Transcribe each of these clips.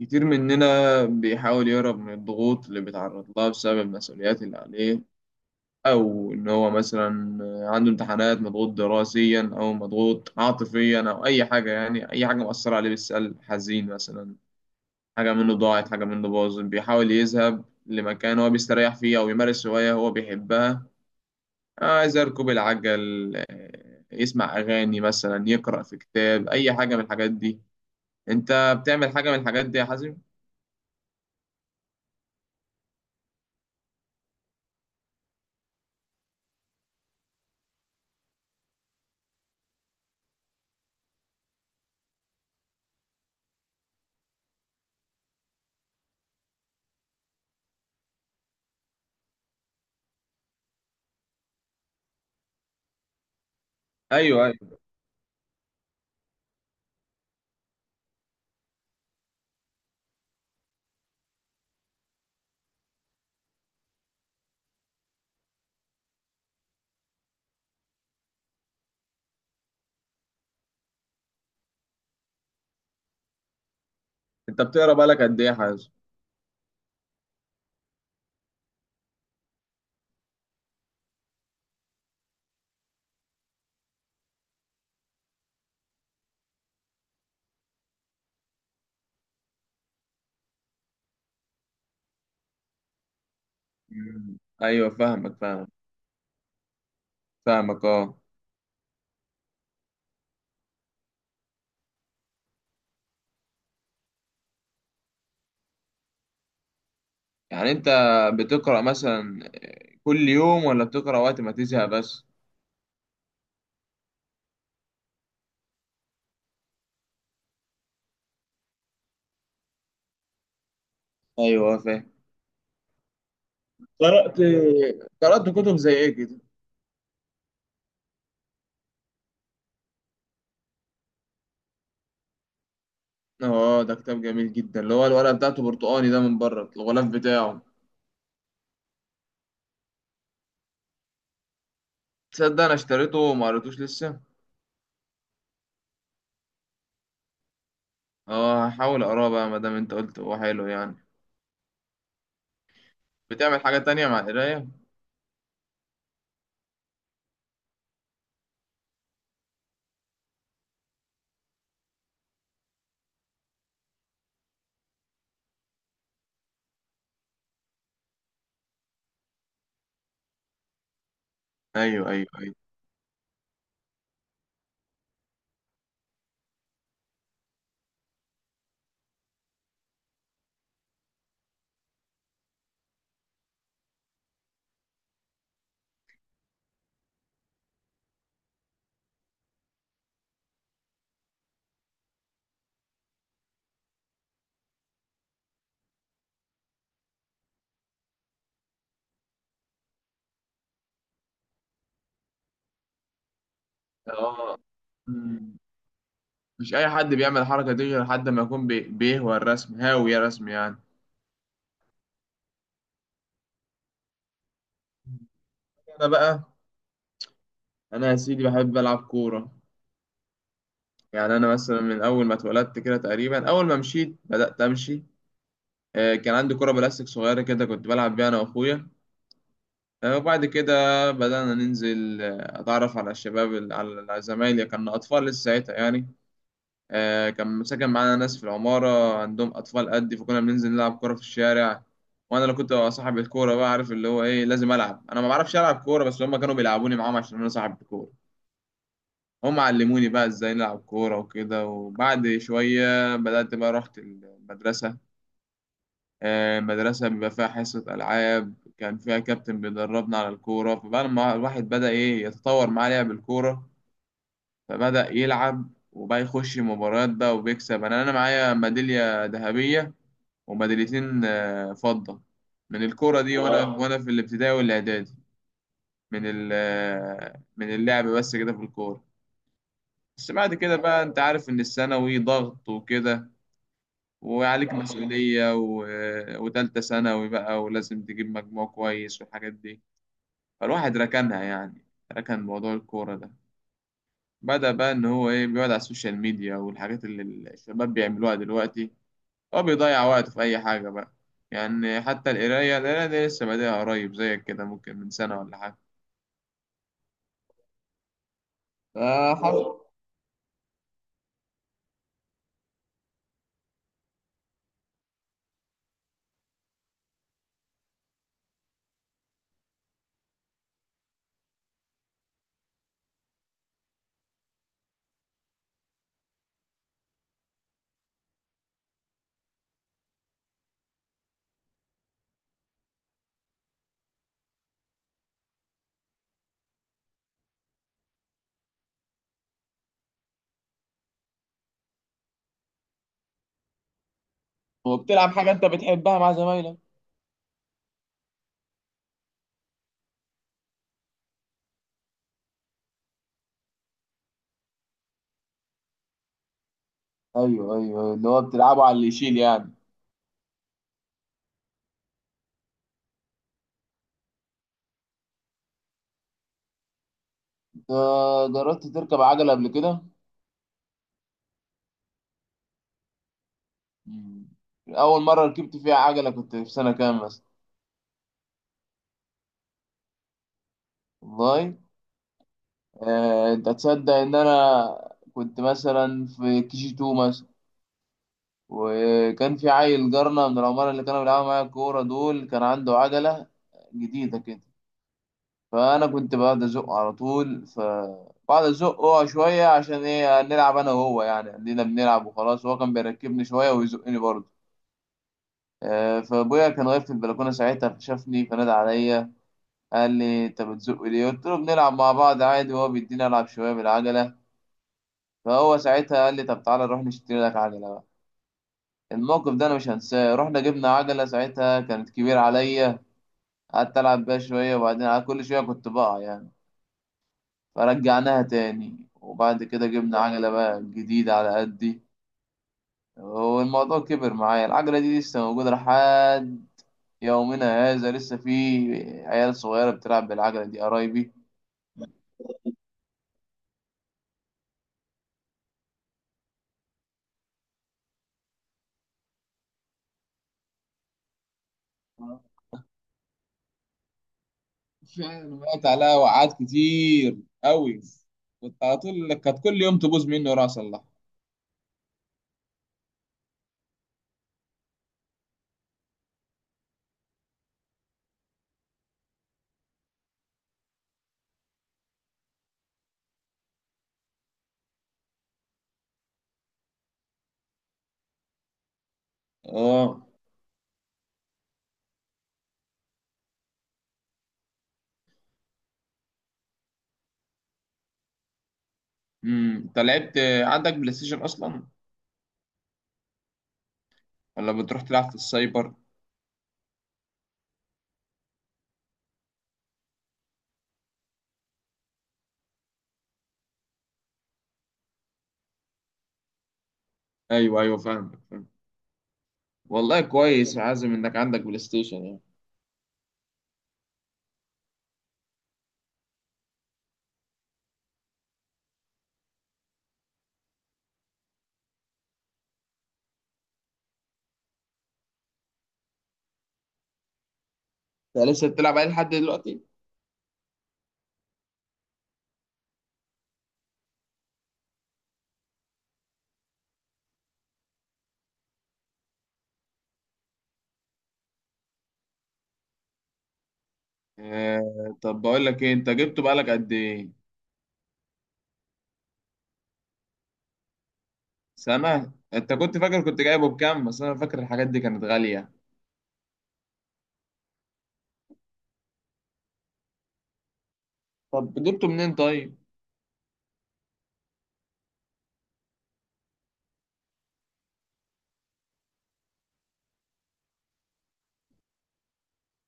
كتير مننا بيحاول يهرب من الضغوط اللي بيتعرض لها بسبب المسؤوليات اللي عليه، أو إن هو مثلا عنده امتحانات، مضغوط دراسيا أو مضغوط عاطفيا أو أي حاجة، يعني أي حاجة مؤثرة عليه بالسلب، حزين مثلا، حاجة منه ضاعت، حاجة منه باظت، بيحاول يذهب لمكان هو بيستريح فيه أو يمارس هواية هو بيحبها. عايز يركب العجل، يسمع أغاني مثلا، يقرأ في كتاب، أي حاجة من الحاجات دي. أنت بتعمل حاجة من الحاجات دي يا حازم؟ ايوه. انت بتقرا بقالك قد ايه يا حازم؟ مم. ايوه، فاهمك. فاهمك اه. يعني انت بتقرا مثلا كل يوم ولا بتقرا وقت ما تزهق بس؟ ايوه فاهم. قرأت قرأت كتب زي ايه كده؟ اه، ده كتاب جميل جدا، اللي هو الورقة بتاعته برتقاني ده من بره، الغلاف بتاعه. تصدق انا اشتريته وما قريتوش لسه. اه، هحاول اقراه بقى ما دام انت قلت هو حلو يعني. بتعمل حاجة تانية مع القراية؟ ايوه. اه. مش اي حد بيعمل الحركه دي غير حد ما يكون بيهوى الرسم، هاوي يا رسم يعني. انا بقى، انا يا سيدي بحب العب كوره. يعني انا مثلا من اول ما اتولدت كده، تقريبا اول ما مشيت بدات امشي، كان عندي كوره بلاستيك صغيره كده، كنت بلعب بيها انا واخويا. وبعد كده بدانا ننزل، اتعرف على الشباب على زمايلي، كنا اطفال لسه ساعتها يعني. كان ساكن معانا ناس في العمارة عندهم أطفال قدي، فكنا بننزل نلعب كورة في الشارع. وأنا اللي كنت ببقى صاحب الكورة بقى، عارف اللي هو إيه، لازم ألعب أنا. ما بعرفش ألعب كورة، بس هما كانوا بيلعبوني معاهم عشان أنا صاحب الكورة. هم علموني بقى إزاي نلعب كورة وكده، وبعد شوية بدأت بقى رحت المدرسة. المدرسة بيبقى فيها حصة ألعاب، كان فيها كابتن بيدربنا على الكورة، فبقى لما الواحد بدأ إيه، يتطور معاه لعب الكورة. فبدأ يلعب وبقى يخش مباريات بقى وبيكسب. انا معايا ميدالية ذهبية وميداليتين فضة من الكورة دي وانا، واو وانا في الابتدائي والاعدادي، من ال- آه، من اللعب بس كده في الكورة. بس بعد كده بقى انت عارف ان الثانوي ضغط وكده، وعليك مسؤولية و... آه، وتالتة ثانوي بقى، ولازم تجيب مجموع كويس والحاجات دي. فالواحد ركنها يعني، ركن موضوع الكورة ده. بدأ بقى إن هو إيه، بيقعد على السوشيال ميديا والحاجات اللي الشباب بيعملوها دلوقتي. هو بيضيع وقته في أي حاجة بقى. يعني حتى القراية دي لسه بادئها قريب زيك كده، ممكن من سنة ولا حاجة. فحاول. وبتلعب حاجة أنت بتحبها مع زمايلك. أيوه، اللي هو بتلعبه على اللي يشيل يعني. جربت تركب عجلة قبل كده؟ مم. أول مرة ركبت فيها عجلة كنت في سنة كام مثلا؟ والله أنت تصدق إن أنا كنت مثلا في كي جي 2، وكان في عيل جارنا من العمارة اللي كانوا بيلعبوا معايا الكورة دول، كان عنده عجلة جديدة كده. فأنا كنت بقعد أزقه على طول، فبقعد أزقه شوية عشان إيه، نلعب أنا وهو يعني، عندنا بنلعب وخلاص، وهو كان بيركبني شوية ويزقني برضه. فأبويا كان واقف في البلكونة ساعتها فشافني فنادى عليا. قال لي أنت بتزق ليه؟ قلت له بنلعب مع بعض عادي، وهو بيديني ألعب شوية بالعجلة. فهو ساعتها قال لي طب تعالى نروح نشتري لك عجلة. الموقف ده انا مش هنساه. رحنا جبنا عجله، ساعتها كانت كبيره عليا، قعدت العب بيها شويه وبعدين كل شويه كنت بقع يعني، فرجعناها تاني، وبعد كده جبنا عجله بقى جديده على قدي. والموضوع كبر معايا، العجله دي لسه موجوده لحد يومنا هذا، لسه في عيال صغيره بتلعب بالعجله دي، قرايبي. فعلا وقعت عليها وقعات كتير قوي، كنت على طول، كانت كل يوم تبوظ مني وراح اصلحها. اه. امم، انت لعبت، عندك بلاي ستيشن اصلا ولا بتروح تلعب في السايبر؟ ايوه، فاهمك فاهم. والله كويس يا عازم انك عندك بلاي ستيشن يعني. انت لسه بتلعب عليه لحد دلوقتي؟ آه طب بقول لك ايه، انت جبته بقالك قد ايه؟ سنة. انت كنت فاكر كنت جايبه بكام؟ بس انا فاكر الحاجات دي كانت غالية. طب جبته منين طيب؟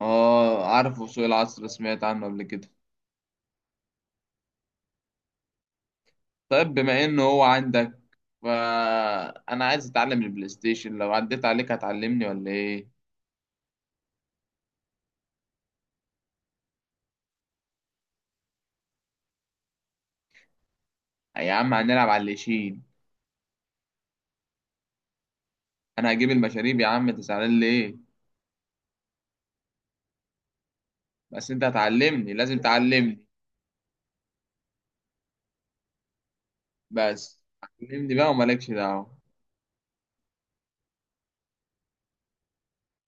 اه، عارفه سوق العصر، سمعت عنه قبل كده. طيب بما انه هو عندك، فانا عايز اتعلم البلاي ستيشن، لو عديت عليك هتعلمني ولا ايه؟ يا عم هنلعب على اللي يشيل. انا هجيب المشاريب يا عم، تزعلان ليه؟ بس انت هتعلمني، لازم تعلمني. بس علمني بقى ومالكش دعوة.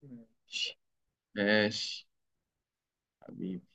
ماشي ماشي. حبيبي.